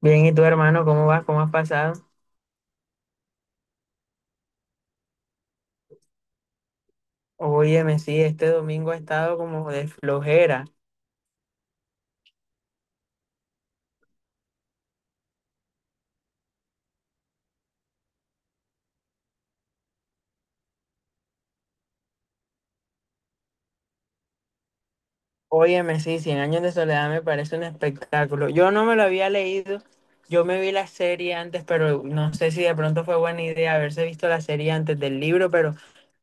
Bien, ¿y tú, hermano, cómo vas? ¿Cómo has pasado? Óyeme, sí, este domingo ha estado como de flojera. Óyeme, sí, Cien años de soledad me parece un espectáculo. Yo no me lo había leído, yo me vi la serie antes, pero no sé si de pronto fue buena idea haberse visto la serie antes del libro, pero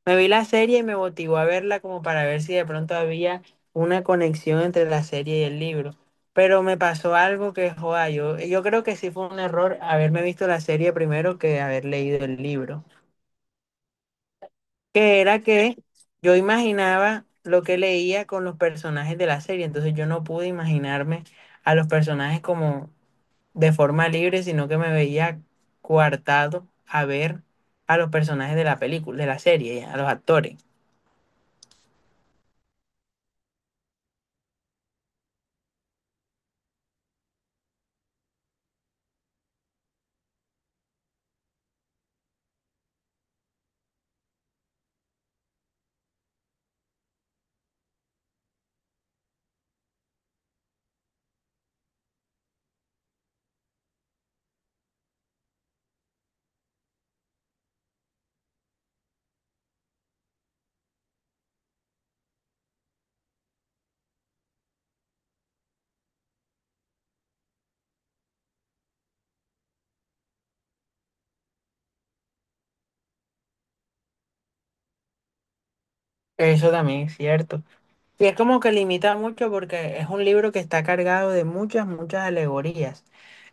me vi la serie y me motivó a verla como para ver si de pronto había una conexión entre la serie y el libro. Pero me pasó algo que, joda, yo creo que sí fue un error haberme visto la serie primero que haber leído el libro, que era que yo imaginaba lo que leía con los personajes de la serie. Entonces yo no pude imaginarme a los personajes como de forma libre, sino que me veía coartado a ver a los personajes de la película, de la serie, a los actores. Eso también es cierto. Y es como que limita mucho porque es un libro que está cargado de muchas, muchas alegorías.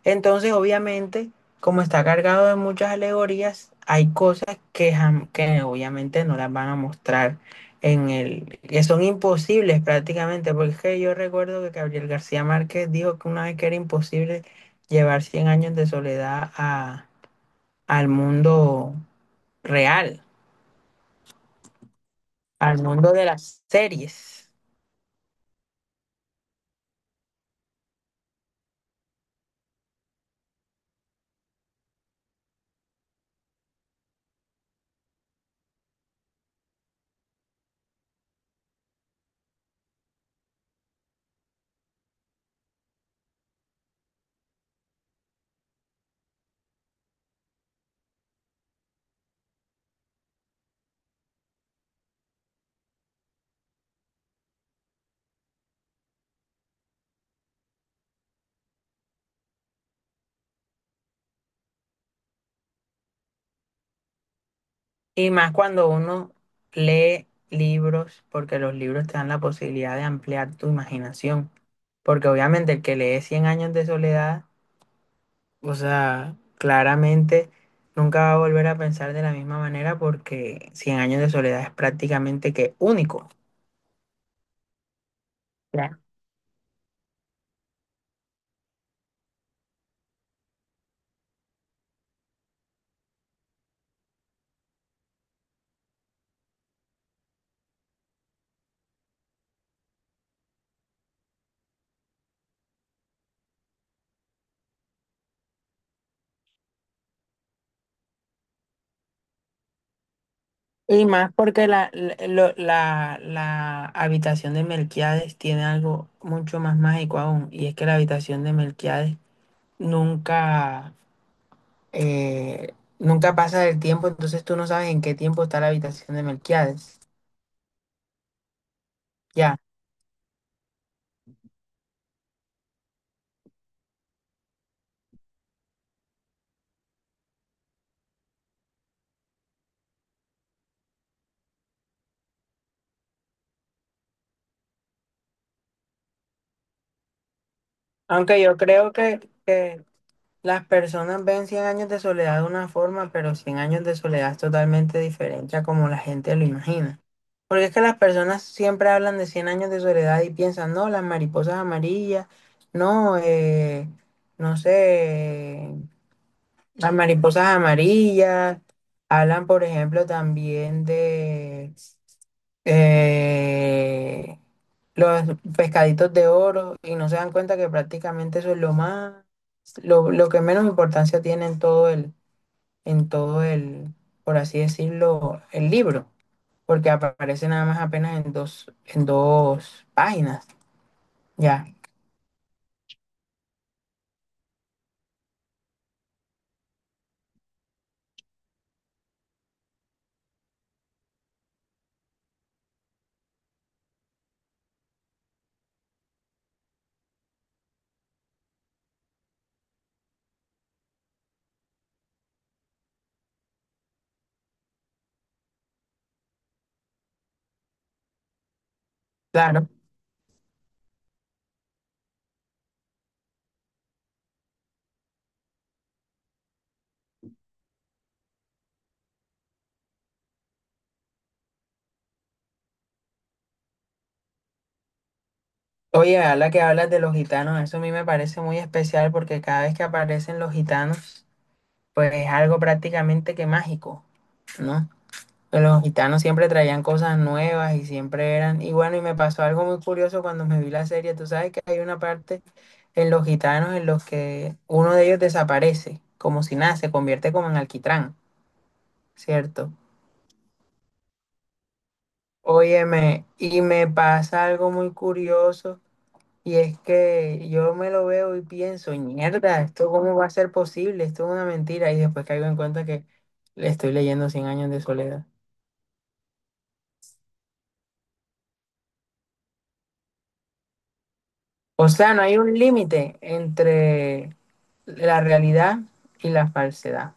Entonces, obviamente, como está cargado de muchas alegorías, hay cosas que, que obviamente no las van a mostrar en el, que son imposibles prácticamente, porque es que yo recuerdo que Gabriel García Márquez dijo que una vez que era imposible llevar cien años de soledad a, al mundo real, al mundo de las series. Y más cuando uno lee libros, porque los libros te dan la posibilidad de ampliar tu imaginación. Porque obviamente el que lee cien años de soledad, o sea, claramente nunca va a volver a pensar de la misma manera porque cien años de soledad es prácticamente que único. Claro. Y más porque la habitación de Melquiades tiene algo mucho más mágico aún, y es que la habitación de Melquiades nunca eh, nunca pasa el tiempo, entonces tú no sabes en qué tiempo está la habitación de Melquiades. Ya. Aunque yo creo que las personas ven cien años de soledad de una forma, pero cien años de soledad es totalmente diferente a como la gente lo imagina. Porque es que las personas siempre hablan de cien años de soledad y piensan, no, las mariposas amarillas, no, no sé. Las mariposas amarillas, hablan, por ejemplo, también de eh, los pescaditos de oro y no se dan cuenta que prácticamente eso es lo más, lo que menos importancia tiene en todo el, por así decirlo, el libro, porque aparece nada más apenas en dos páginas, ya, claro. Oye, a la que hablas de los gitanos, eso a mí me parece muy especial porque cada vez que aparecen los gitanos, pues es algo prácticamente que mágico, ¿no? Los gitanos siempre traían cosas nuevas y siempre eran, y bueno, y me pasó algo muy curioso cuando me vi la serie. Tú sabes que hay una parte en los gitanos en los que uno de ellos desaparece, como si nada, se convierte como en alquitrán, ¿cierto? Óyeme, y me pasa algo muy curioso, y es que yo me lo veo y pienso, mierda, ¿esto cómo va a ser posible? Esto es una mentira, y después caigo en cuenta que le estoy leyendo Cien años de soledad. O sea, no hay un límite entre la realidad y la falsedad.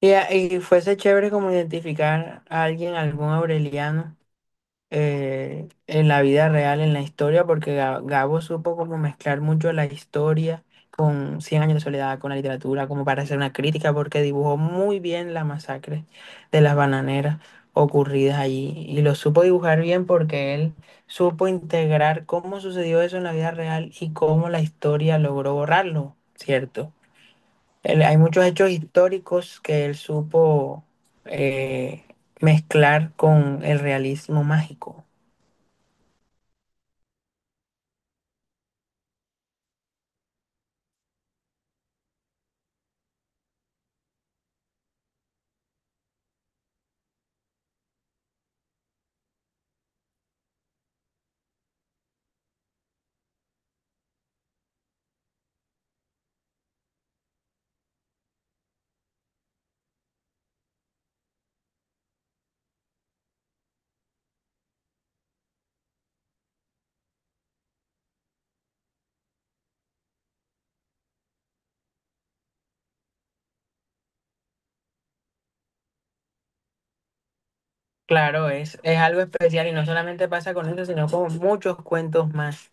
Y fuese chévere como identificar a alguien, algún aureliano, en la vida real, en la historia, porque Gabo supo como mezclar mucho la historia con Cien años de soledad, con la literatura, como para hacer una crítica, porque dibujó muy bien la masacre de las bananeras ocurridas allí. Y lo supo dibujar bien porque él supo integrar cómo sucedió eso en la vida real y cómo la historia logró borrarlo, ¿cierto? Hay muchos hechos históricos que él supo eh, mezclar con el realismo mágico. Claro, es algo especial y no solamente pasa con eso, sino con muchos cuentos más.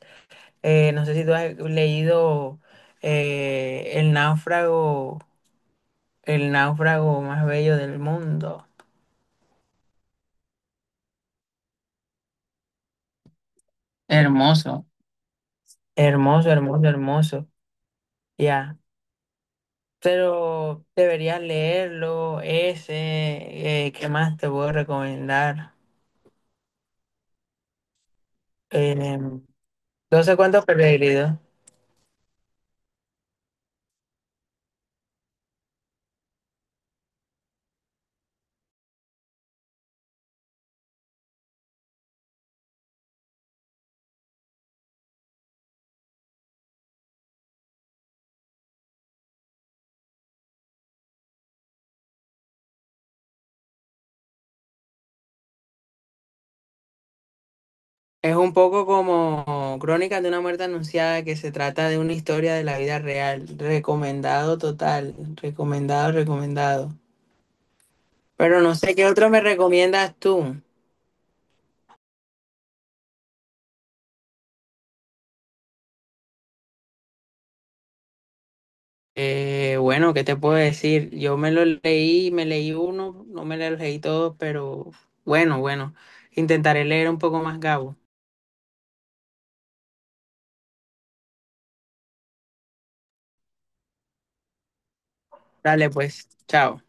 No sé si tú has leído eh, El náufrago, El náufrago más bello del mundo. Hermoso. Hermoso, hermoso, hermoso. Ya. Pero deberías leerlo, ese, ¿qué más te puedo recomendar? Eh, 12 cuentos perdidos. Es un poco como Crónicas de una muerte anunciada que se trata de una historia de la vida real. Recomendado total, recomendado, recomendado. Pero no sé qué otro me recomiendas tú. Bueno, ¿qué te puedo decir? Yo me lo leí, me leí uno, no me lo leí todo, pero bueno, bueno, intentaré leer un poco más, Gabo. Dale, pues, chao.